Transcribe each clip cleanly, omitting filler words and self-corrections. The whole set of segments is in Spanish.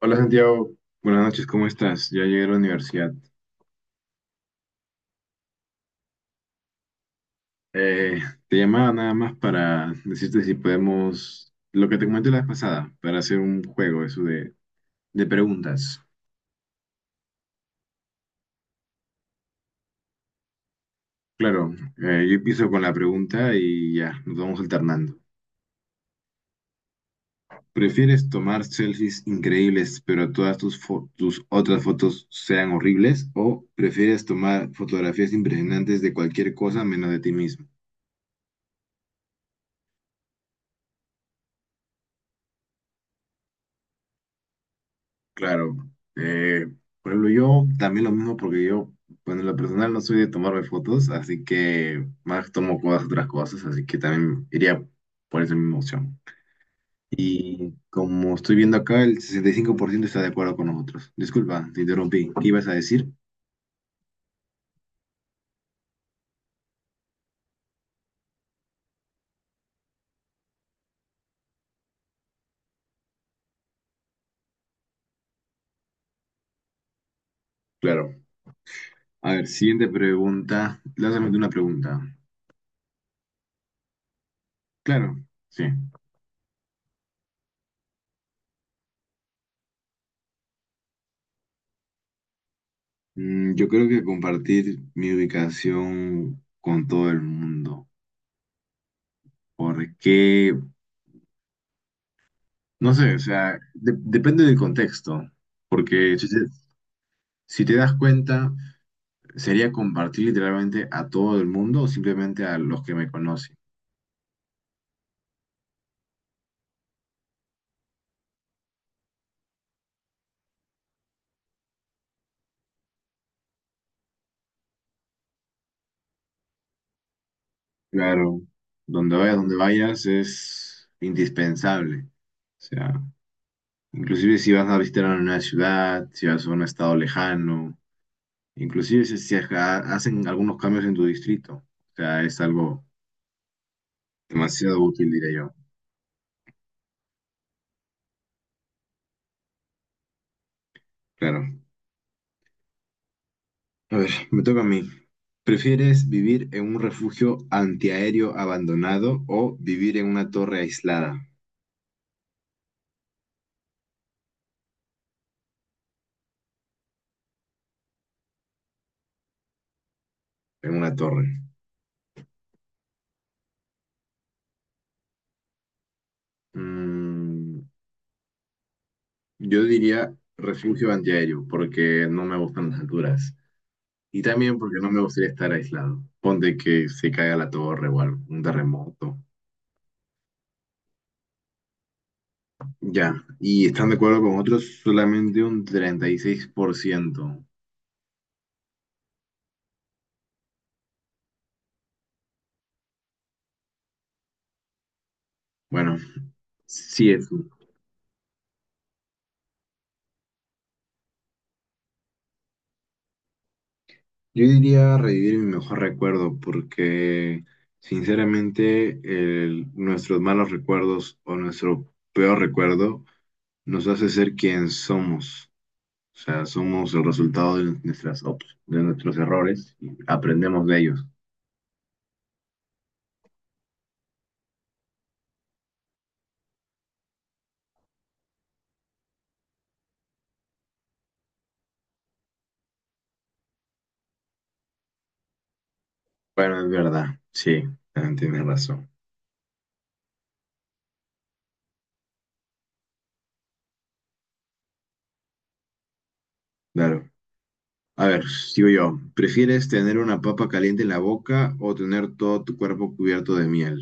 Hola Santiago, buenas noches, ¿cómo estás? Ya llegué a la universidad. Eh, Te llamaba nada más para decirte si podemos, lo que te comenté la vez pasada, para hacer un juego, eso de preguntas. Claro, yo empiezo con la pregunta y ya, nos vamos alternando. ¿Prefieres tomar selfies increíbles, pero todas tus, tus otras fotos sean horribles? ¿O prefieres tomar fotografías impresionantes de cualquier cosa menos de ti mismo? Claro, eh, por ejemplo, yo también lo mismo porque yo, bueno, en lo personal no soy de tomarme fotos, así que más tomo cosas, otras cosas, así que también iría por esa misma opción. Y como estoy viendo acá, el 65% está de acuerdo con nosotros. Disculpa, te interrumpí. ¿Qué ibas a decir? Claro. A ver, siguiente pregunta. Lánzame tú una pregunta. Claro, sí. Yo creo que compartir mi ubicación con todo el mundo. ¿Por qué? No sé, o sea, depende del contexto, porque si te das cuenta, sería compartir literalmente a todo el mundo o simplemente a los que me conocen. Claro, donde vayas es indispensable. O sea, inclusive si vas a visitar a una ciudad, si vas a un estado lejano, inclusive si hacen algunos cambios en tu distrito. O sea, es algo demasiado útil, diría yo. Claro. A ver, me toca a mí. ¿Prefieres vivir en un refugio antiaéreo abandonado o vivir en una torre aislada? En una torre. Mm, yo diría refugio antiaéreo porque no me gustan las alturas. Y también porque no me gustaría estar aislado. Ponte que se caiga la torre o algo, un terremoto. Ya, ¿y están de acuerdo con otros solamente un 36%? Bueno, sí es. Yo diría revivir mi mejor recuerdo porque sinceramente nuestros malos recuerdos o nuestro peor recuerdo nos hace ser quien somos. O sea, somos el resultado de de nuestros errores y aprendemos de ellos. Bueno, es verdad, sí, también tienes razón. Claro. A ver, sigo yo. ¿Prefieres tener una papa caliente en la boca o tener todo tu cuerpo cubierto de miel?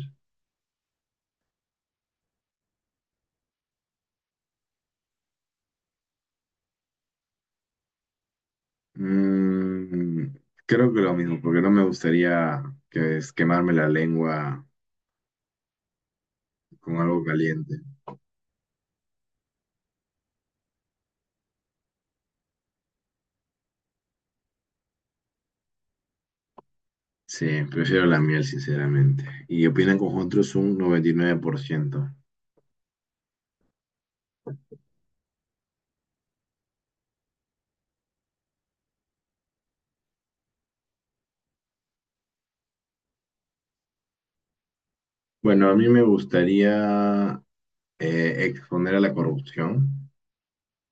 Mm, Creo que lo mismo, porque no me gustaría que es quemarme la lengua con algo caliente. Sí, prefiero la miel, sinceramente. Y opinan con otros un 99%. Bueno, a mí me gustaría exponer a la corrupción,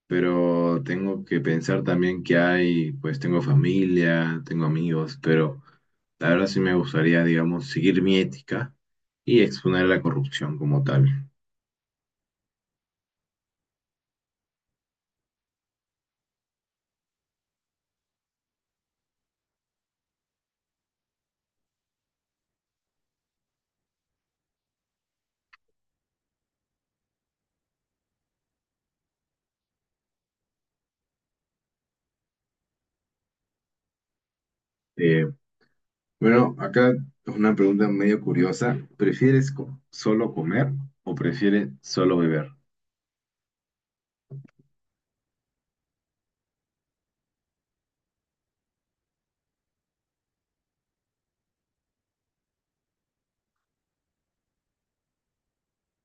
pero tengo que pensar también que hay, pues tengo familia, tengo amigos, pero la verdad sí me gustaría, digamos, seguir mi ética y exponer a la corrupción como tal. Eh, Bueno, acá es una pregunta medio curiosa. ¿Prefieres solo comer o prefieres solo beber?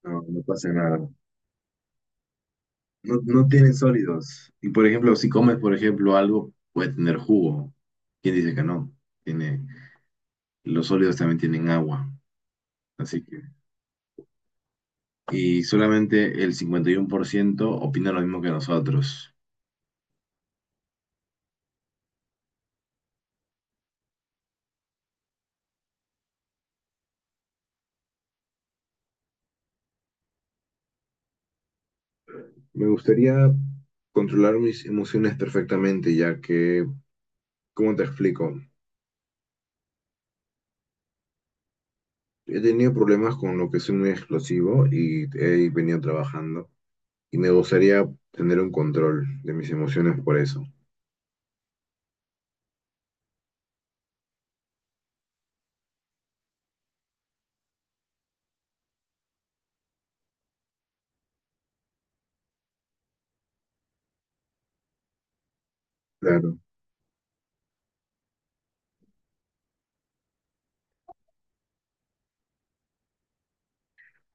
No, no pasa nada. No, no tienen sólidos. Y por ejemplo, si comes, por ejemplo, algo, puede tener jugo. ¿Quién dice que no? Tiene, los sólidos también tienen agua. Así que, y solamente el 51% opina lo mismo que nosotros. Me gustaría controlar mis emociones perfectamente, ya que, ¿cómo te explico? He tenido problemas con lo que soy muy explosivo y he venido trabajando. Y me gustaría tener un control de mis emociones por eso. Claro.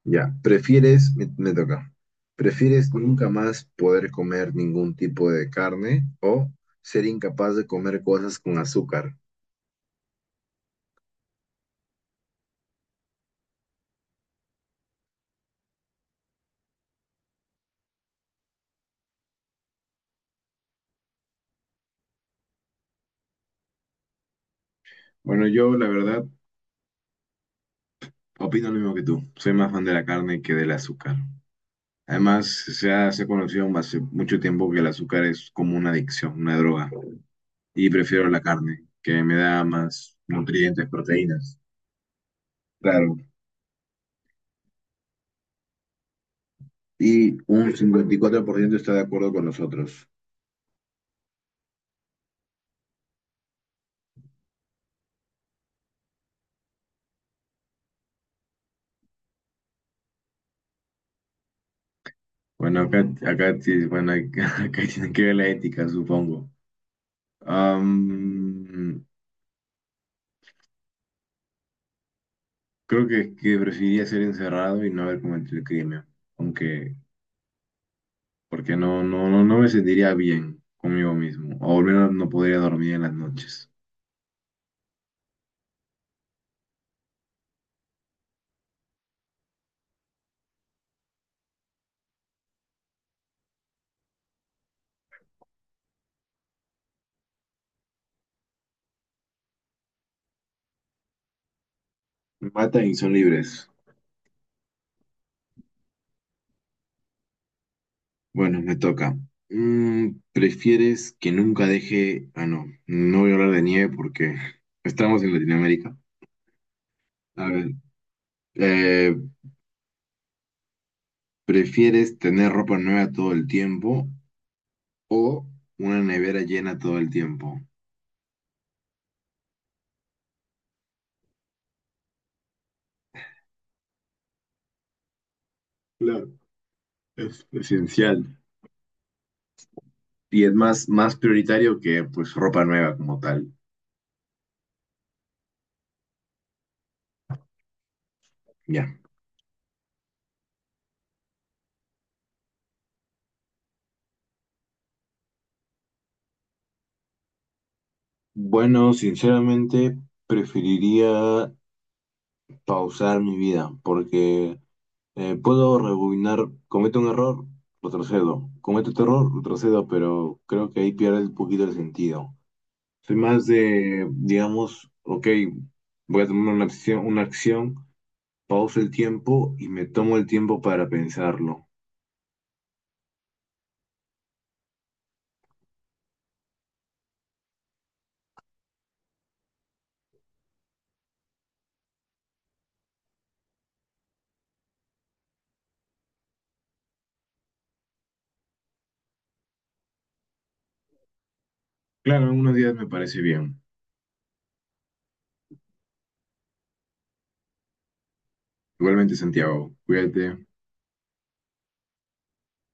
Ya, me toca, ¿prefieres nunca más poder comer ningún tipo de carne o ser incapaz de comer cosas con azúcar? Bueno, yo la verdad opino lo mismo que tú. Soy más fan de la carne que del azúcar. Además, se ha conocido hace mucho tiempo que el azúcar es como una adicción, una droga. Y prefiero la carne, que me da más nutrientes, proteínas. Claro. Y un 54% está de acuerdo con nosotros. Bueno, acá, acá, bueno, acá, acá tiene que ver la ética, supongo. Am, Creo que preferiría ser encerrado y no haber cometido el crimen, aunque, porque no, no, no, no me sentiría bien conmigo mismo, o al menos no podría dormir en las noches. Me matan y son libres. Bueno, me toca. ¿Prefieres que nunca deje... Ah, no, no voy a hablar de nieve porque estamos en Latinoamérica. A ver, eh, ¿prefieres tener ropa nueva todo el tiempo o una nevera llena todo el tiempo? Claro, es esencial. Y es más, más prioritario que pues ropa nueva como tal. Ya. Bueno, sinceramente preferiría pausar mi vida porque... Puedo rebobinar, cometo un error, retrocedo. Cometo otro error, retrocedo, pero creo que ahí pierde un poquito el sentido. Soy más de, digamos, ok, voy a tomar una acción, pauso el tiempo y me tomo el tiempo para pensarlo. Claro, en unos días me parece bien. Igualmente, Santiago, cuídate.